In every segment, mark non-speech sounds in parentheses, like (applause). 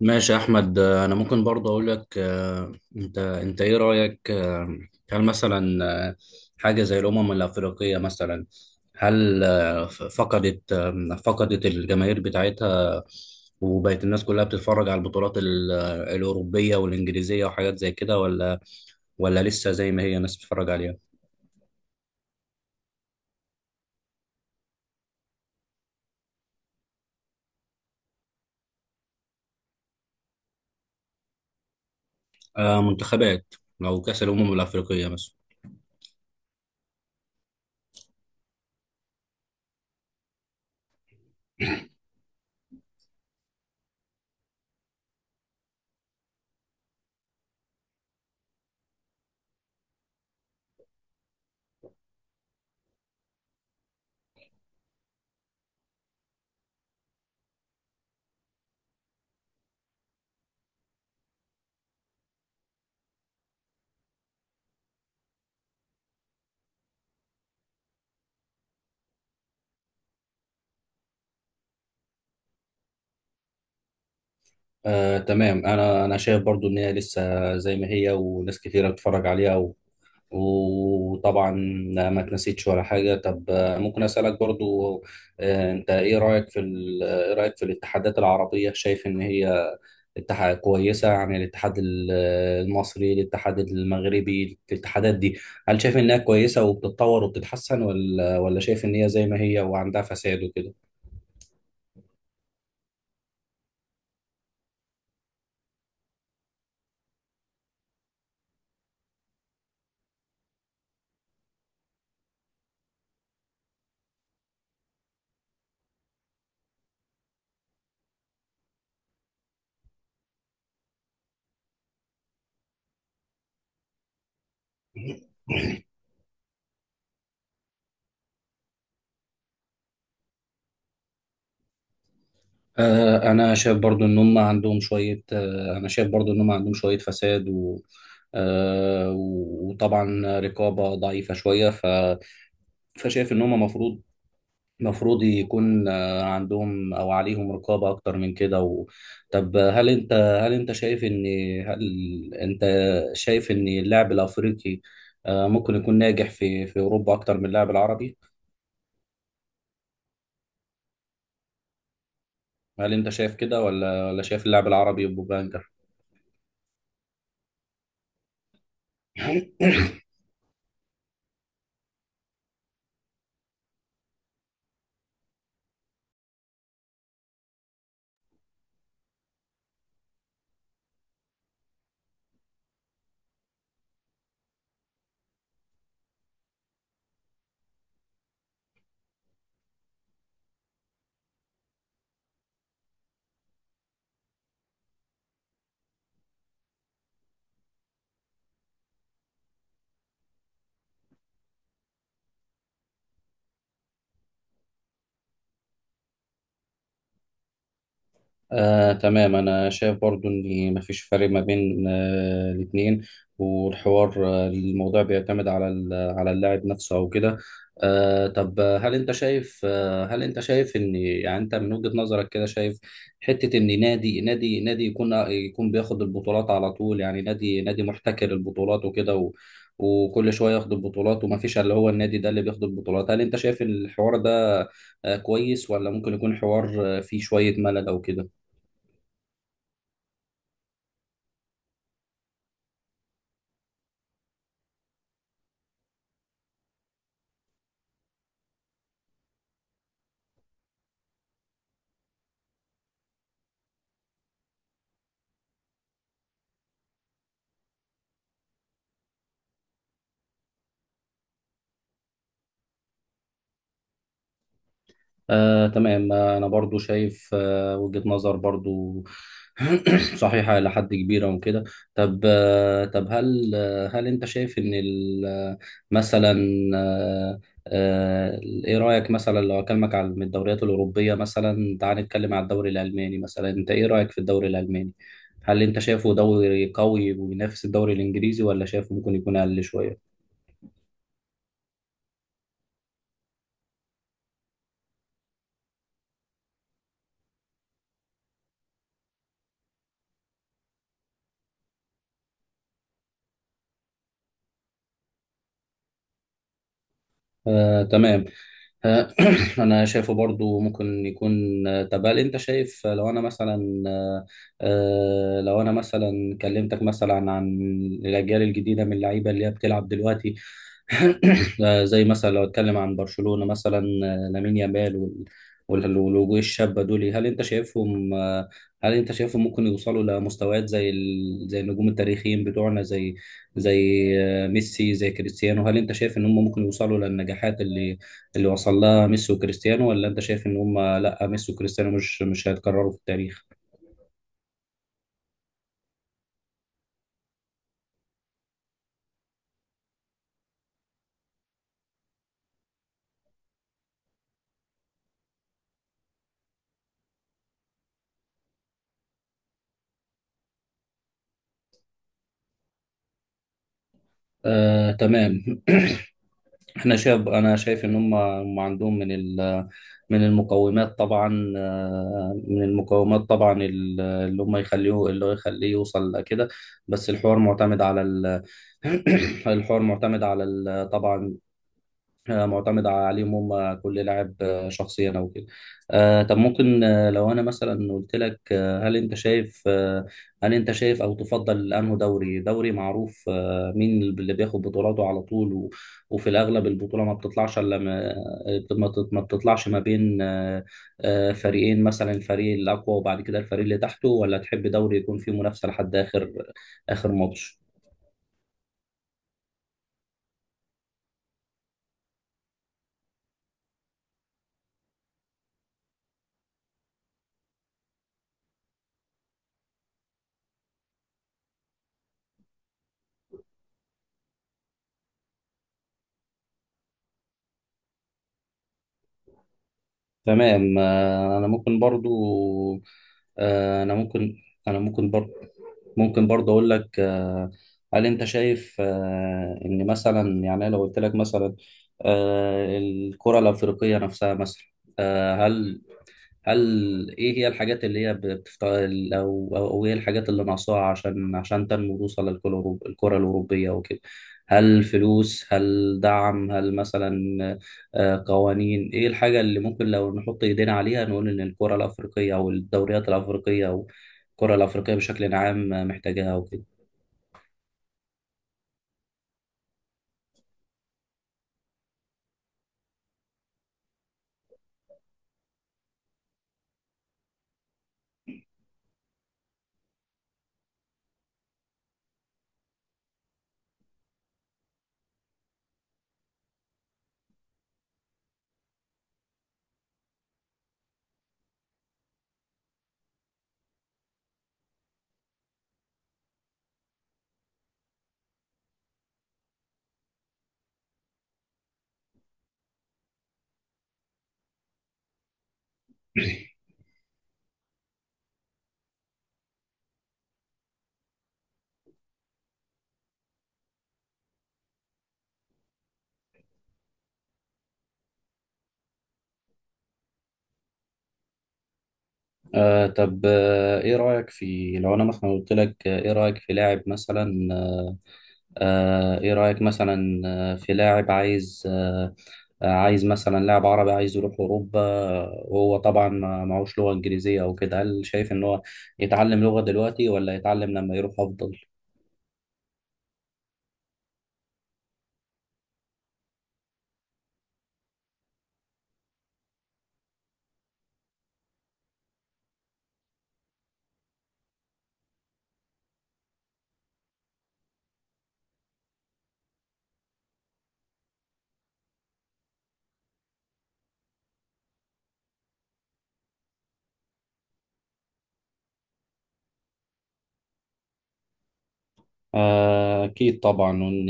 ماشي يا احمد. انا ممكن برضه اقول لك، انت ايه رايك؟ هل مثلا حاجه زي الامم الافريقيه مثلا هل آه، ف- فقدت آه، فقدت الجماهير بتاعتها، وبقت الناس كلها بتتفرج على البطولات الاوروبيه والانجليزيه وحاجات زي كده، ولا لسه زي ما هي الناس بتتفرج عليها؟ منتخبات، او كاس الامم الافريقيه مثلا. تمام. انا شايف برضو ان هي لسه زي ما هي، وناس كتيره بتتفرج عليها، وطبعا ما اتنسيتش ولا حاجة. طب ممكن أسألك برضو، انت ايه رأيك في ايه رأيك في الاتحادات العربية؟ شايف ان هي اتحاد كويسة؟ يعني المصري، الاتحاد المغربي، الاتحادات دي هل شايف انها كويسة وبتتطور وبتتحسن، ولا شايف ان هي زي ما هي وعندها فساد وكده؟ آه، انا شايف برضو ان هم عندهم شوية آه، انا شايف برضو ان هم عندهم شوية فساد، و وطبعا رقابة ضعيفة شوية، فشايف ان هم المفروض يكون عندهم او عليهم رقابه اكتر من كده. و... طب هل انت شايف ان هل انت شايف ان اللاعب الافريقي ممكن يكون ناجح في اوروبا اكتر من اللاعب العربي؟ هل انت شايف كده، ولا شايف اللاعب العربي بيبقى انجح؟ (coughs) (laughs) تمام. أنا شايف برضو إن مفيش فرق ما بين الاتنين، والحوار آه، الموضوع بيعتمد على على اللاعب نفسه أو كده. آه، طب آه، هل أنت شايف آه، هل أنت شايف إن، يعني أنت من وجهة نظرك كده، شايف حتة إن نادي يكون يكون بياخد البطولات على طول؟ يعني نادي محتكر البطولات وكده، و وكل شويه ياخد البطولات، ومفيش الا هو النادي ده اللي بياخد البطولات. هل انت شايف الحوار ده كويس، ولا ممكن يكون حوار فيه شويه ملل او كده؟ تمام. أنا برضو شايف وجهة نظر برضو (clears throat) صحيحة إلى حد كبير وكده. طب آه، طب هل آه، هل أنت شايف إن ال- آه، مثلا آه، آه، إيه رأيك مثلا لو أكلمك عن الدوريات الأوروبية؟ مثلا تعال نتكلم عن الدوري الألماني مثلا. أنت إيه رأيك في الدوري الألماني؟ هل أنت شايفه دوري قوي وينافس الدوري الإنجليزي، ولا شايفه ممكن يكون أقل شوية؟ تمام. آه، (clears throat) انا شايفه برضو ممكن يكون آه، طب هل انت شايف آه، لو انا مثلا آه، آه، لو انا مثلا كلمتك مثلا عن الاجيال الجديده من اللعيبه اللي هي بتلعب دلوقتي، زي مثلا لو اتكلم عن برشلونة مثلا، لامين يامال والوجوه الشابة دول. هل انت شايفهم ممكن يوصلوا لمستويات زي ال... زي النجوم التاريخيين بتوعنا؟ زي زي ميسي، زي كريستيانو. هل انت شايف ان هم ممكن يوصلوا للنجاحات اللي اللي وصل لها ميسي وكريستيانو، ولا انت شايف ان هم لا، ميسي وكريستيانو مش هيتكرروا في التاريخ؟ تمام. (clears throat) احنا شايف انا شايف ان هم عندهم من ال من المقومات. طبعا من المقومات طبعا اللي هو يخليه يوصل لكده. بس الحوار معتمد على (clears throat) الحوار معتمد على ال- طبعا معتمد عليهم هم، كل لاعب شخصيا او كده. آه، طب ممكن آه، لو انا مثلا قلت لك آه، هل انت شايف آه، هل انت شايف او تفضل انه دوري معروف مين اللي بياخد بطولاته على طول، وفي الاغلب البطوله ما بتطلعش الا ما بتطلعش ما بين فريقين مثلا، الفريق الاقوى وبعد كده الفريق اللي تحته، ولا تحب دوري يكون فيه منافسه لحد اخر ماتش؟ تمام. آه، انا ممكن برضو آه، انا ممكن انا ممكن برضو ممكن برضو اقول لك هل انت شايف ان مثلا، يعني أنا لو قلت لك مثلا الكرة الافريقية نفسها مثلا، آه، هل هل ايه هي الحاجات اللي هي بتفتقد، او ايه الحاجات اللي ناقصاها عشان تنمو وتوصل للكرة الكرة الأوروبية وكده؟ هل فلوس، هل دعم، هل مثلا قوانين؟ ايه الحاجة اللي ممكن لو نحط ايدينا عليها نقول ان الكرة الأفريقية، او الدوريات الأفريقية، او الكرة الأفريقية بشكل عام، محتاجاها وكده؟ آه طب آه، ايه رأيك في لو انا مثلا قلت لك آه، ايه رأيك في لاعب مثلا آه، ايه رأيك مثلا آه، في لاعب عايز آه، آه، عايز، مثلا لاعب عربي عايز يروح اوروبا وهو طبعا معهوش لغة انجليزية او كده، هل شايف ان هو يتعلم لغة دلوقتي، ولا يتعلم لما يروح افضل؟ أكيد طبعا. وإن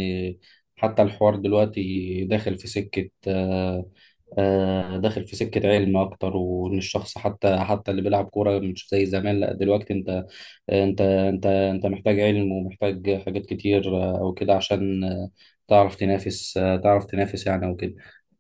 حتى الحوار دلوقتي داخل في سكة داخل في سكة علم أكتر، وإن الشخص حتى اللي بيلعب كورة مش زي زمان. لأ دلوقتي أنت محتاج علم ومحتاج حاجات كتير أو كده، عشان تعرف تنافس يعني أو كده.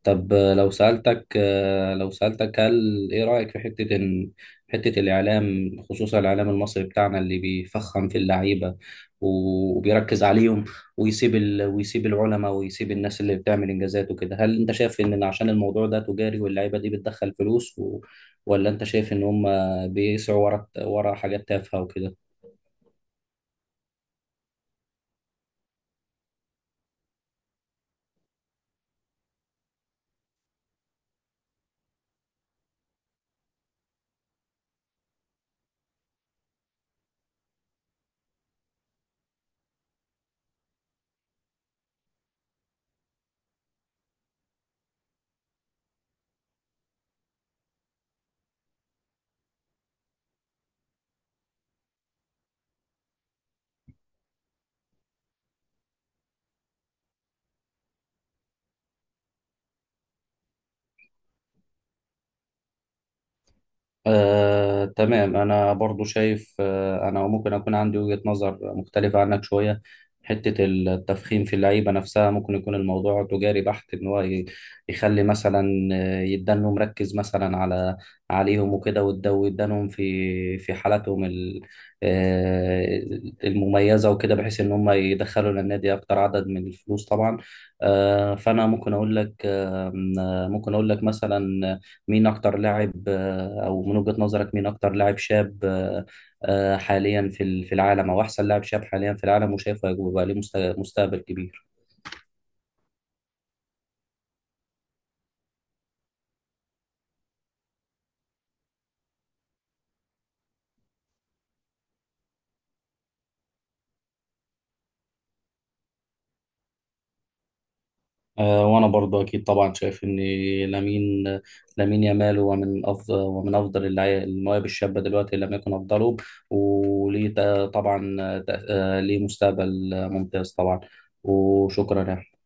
طب لو سألتك، هل إيه رأيك في حتة إن الإعلام، خصوصا الإعلام المصري بتاعنا، اللي بيفخم في اللعيبة وبيركز عليهم، ويسيب ال... ويسيب العلماء، ويسيب الناس اللي بتعمل انجازات وكده؟ هل انت شايف ان عشان الموضوع ده تجاري واللعيبه دي بتدخل فلوس و...، ولا انت شايف ان هم بيسعوا ورا حاجات تافهه وكده؟ تمام. أنا برضو شايف أنا ممكن أكون عندي وجهة نظر مختلفة عنك شوية. حتة التفخيم في اللعيبة نفسها ممكن يكون الموضوع تجاري بحت، إن هو يخلي مثلا يدانه مركز مثلا على عليهم وكده، ويدانهم في في حالاتهم آه، المميزة وكده، بحيث إن هم يدخلوا للنادي أكتر عدد من الفلوس طبعا. آه، فأنا ممكن أقول لك آه، ممكن أقول لك مثلا، مين أكتر لاعب أو من وجهة نظرك مين أكتر لاعب شاب حاليا في في العالم، أو أحسن لاعب شاب حاليا في العالم، وشايفه هيبقى بقى ليه مستقبل كبير؟ وأنا برضه أكيد طبعا شايف إن لامين لامين يامال هو من أفضل ومن أفضل المواهب الشابة دلوقتي، إن لم يكن أفضله، وليه ت- طبعا آه، تأ- آه، ليه مستقبل ممتاز طبعا. وشكرا يا